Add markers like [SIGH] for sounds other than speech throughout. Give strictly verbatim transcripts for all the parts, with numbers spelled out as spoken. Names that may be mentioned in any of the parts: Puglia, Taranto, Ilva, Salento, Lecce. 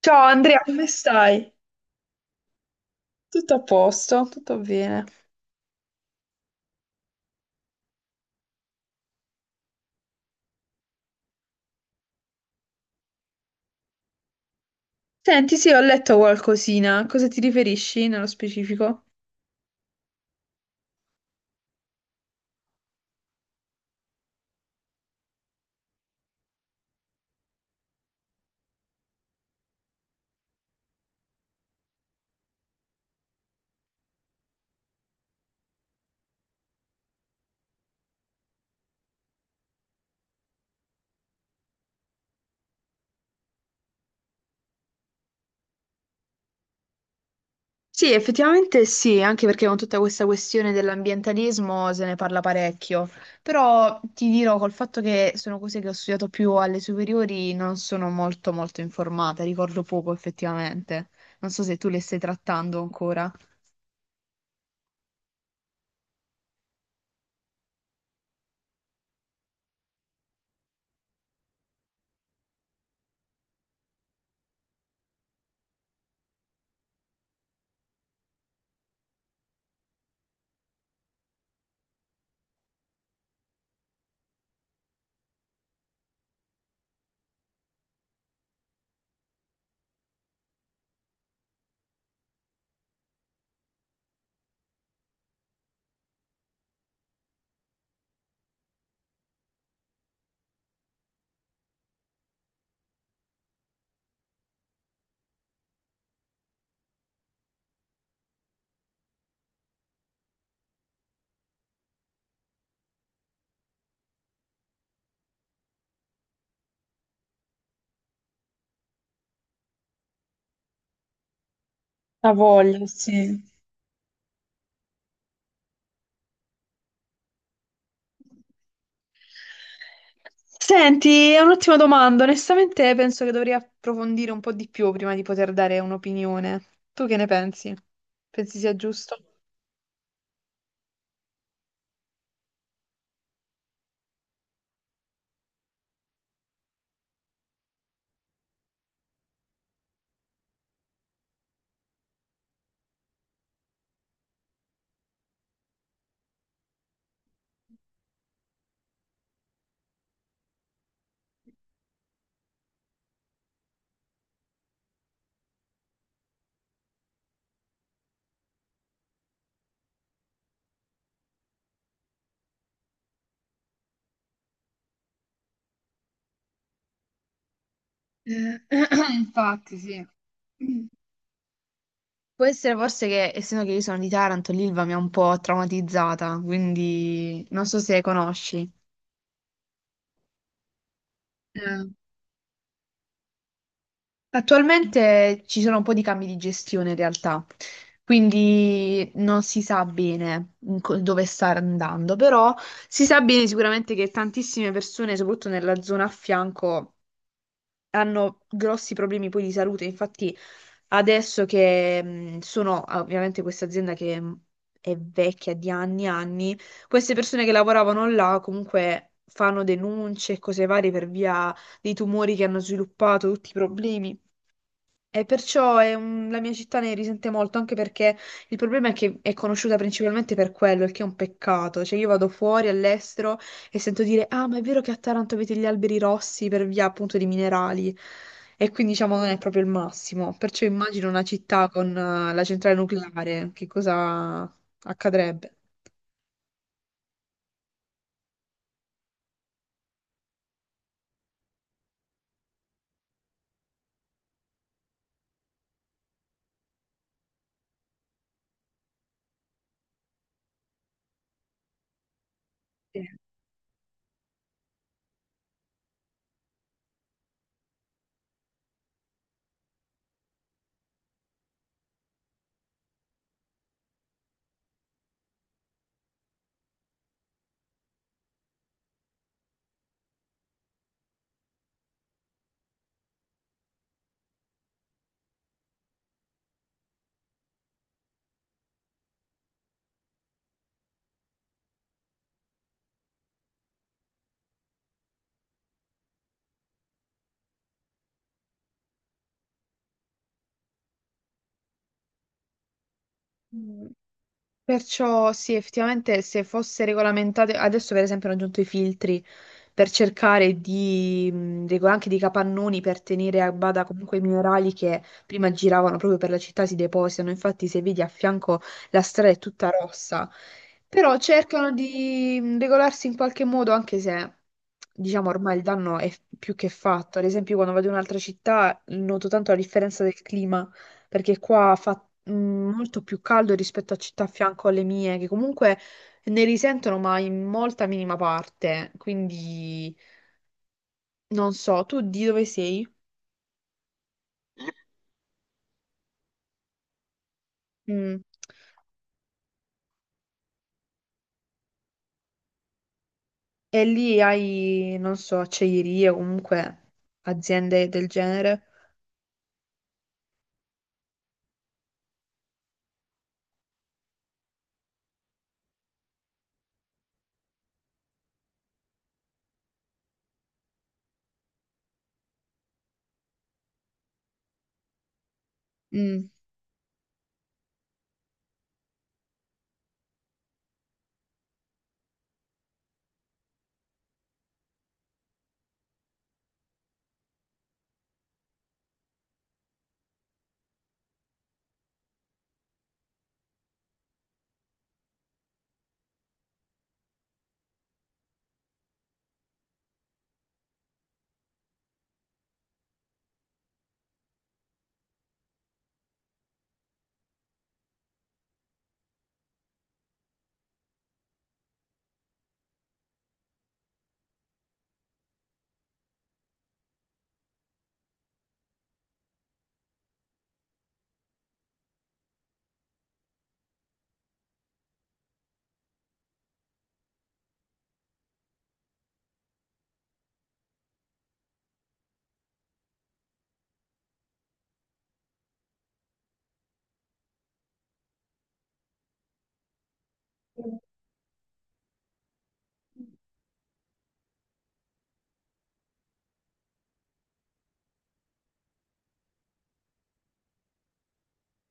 Ciao Andrea, come stai? Tutto a posto, tutto bene. Senti, sì, ho letto qualcosina. A cosa ti riferisci nello specifico? Sì, effettivamente sì, anche perché con tutta questa questione dell'ambientalismo se ne parla parecchio, però ti dirò col fatto che sono cose che ho studiato più alle superiori, non sono molto molto informata, ricordo poco effettivamente. Non so se tu le stai trattando ancora. La voglio, sì. Senti, è un'ottima domanda. Onestamente penso che dovrei approfondire un po' di più prima di poter dare un'opinione. Tu che ne pensi? Pensi sia giusto? Eh, [CLEARS THROAT] Infatti, sì. Può essere forse che, essendo che io sono di Taranto, l'Ilva mi ha un po' traumatizzata, quindi non so se conosci. Attualmente ci sono un po' di cambi di gestione in realtà, quindi non si sa bene in co- dove sta andando, però si sa bene sicuramente che tantissime persone, soprattutto nella zona a fianco, hanno grossi problemi poi di salute. Infatti, adesso che mh, sono ah, ovviamente questa azienda che mh, è vecchia di anni e anni, queste persone che lavoravano là comunque fanno denunce e cose varie per via dei tumori che hanno sviluppato, tutti i problemi. E perciò è un- la mia città ne risente molto, anche perché il problema è che è conosciuta principalmente per quello, il che è un peccato. Cioè io vado fuori all'estero e sento dire, ah, ma è vero che a Taranto avete gli alberi rossi per via appunto di minerali. E quindi diciamo non è proprio il massimo. Perciò immagino una città con eh, la centrale nucleare, che cosa accadrebbe? Sì. Perciò sì, effettivamente se fosse regolamentate, adesso per esempio hanno aggiunto i filtri per cercare di, mh, rego- anche di capannoni per tenere a bada comunque i minerali che prima giravano proprio per la città si depositano, infatti se vedi a fianco la strada è tutta rossa, però cercano di mh, regolarsi in qualche modo anche se diciamo ormai il danno è più che fatto. Ad esempio io quando vado in un'altra città noto tanto la differenza del clima, perché qua fa mm, molto più caldo rispetto a città a fianco alle mie, che comunque ne risentono, ma in molta minima parte. Quindi non so, tu di dove sei? Mm. E lì hai, non so, acciaierie o comunque aziende del genere? Mm.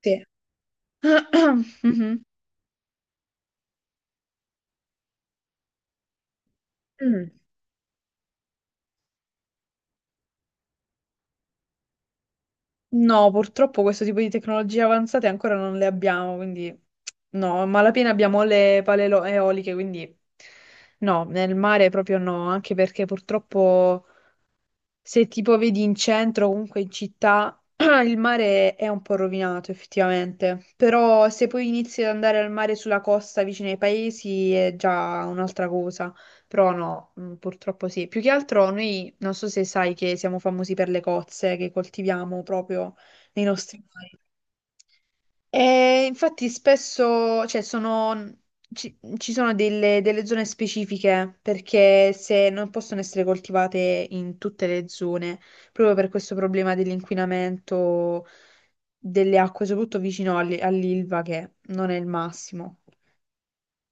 Sì. [CLEARS THROAT] Mhm. Mm. No, purtroppo questo tipo di tecnologie avanzate ancora non le abbiamo, quindi no, a malapena abbiamo le pale elo- eoliche, quindi no, nel mare proprio no, anche perché purtroppo se tipo vedi in centro, comunque in città, [CLEARS THROAT] il mare è un po' rovinato effettivamente, però se poi inizi ad andare al mare sulla costa vicino ai paesi è già un'altra cosa, però no, mm, purtroppo sì. Più che altro noi, non so se sai che siamo famosi per le cozze che coltiviamo proprio nei nostri mari. E infatti spesso, cioè, sono, ci, ci sono delle, delle zone specifiche perché se non possono essere coltivate in tutte le zone, proprio per questo problema dell'inquinamento delle acque, soprattutto vicino all- all'Ilva, che non è il massimo.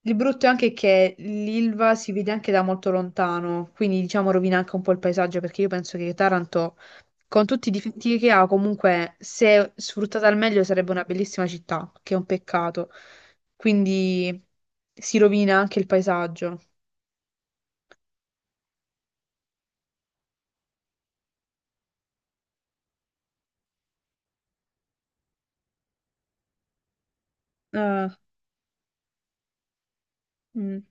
Il brutto è anche che l'Ilva si vede anche da molto lontano, quindi diciamo rovina anche un po' il paesaggio, perché io penso che Taranto, con tutti i difetti che ha, comunque se sfruttata al meglio sarebbe una bellissima città, che è un peccato. Quindi si rovina anche il paesaggio. Ah, mm.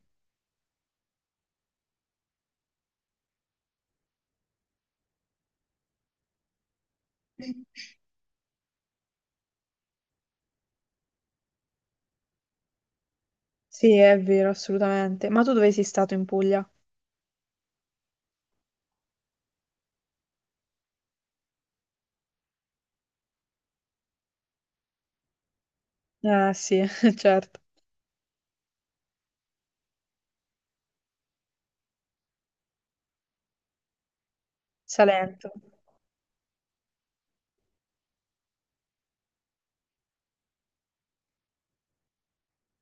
Sì, è vero, assolutamente. Ma tu dove sei stato in Puglia? Ah, sì, [LAUGHS] certo. Salento.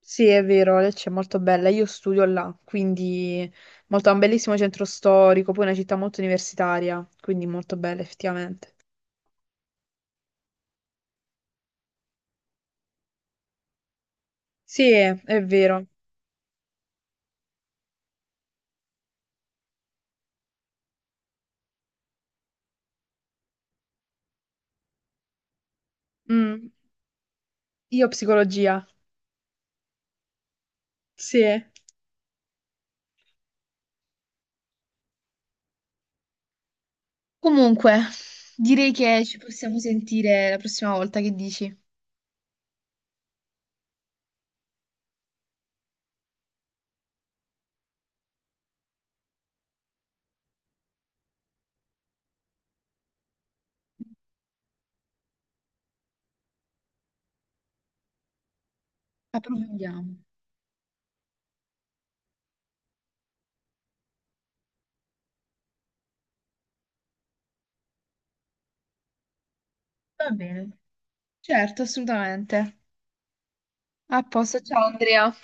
Sì, è vero, Lecce è molto bella. Io studio là, quindi molto, ha un bellissimo centro storico, poi è una città molto universitaria, quindi molto bella effettivamente. Sì, è, è vero. Mm, io psicologia. Sì. Comunque, direi che ci possiamo sentire la prossima volta, che dici? Approfondiamo. Va bene. Certo, assolutamente. A posto, ciao Andrea.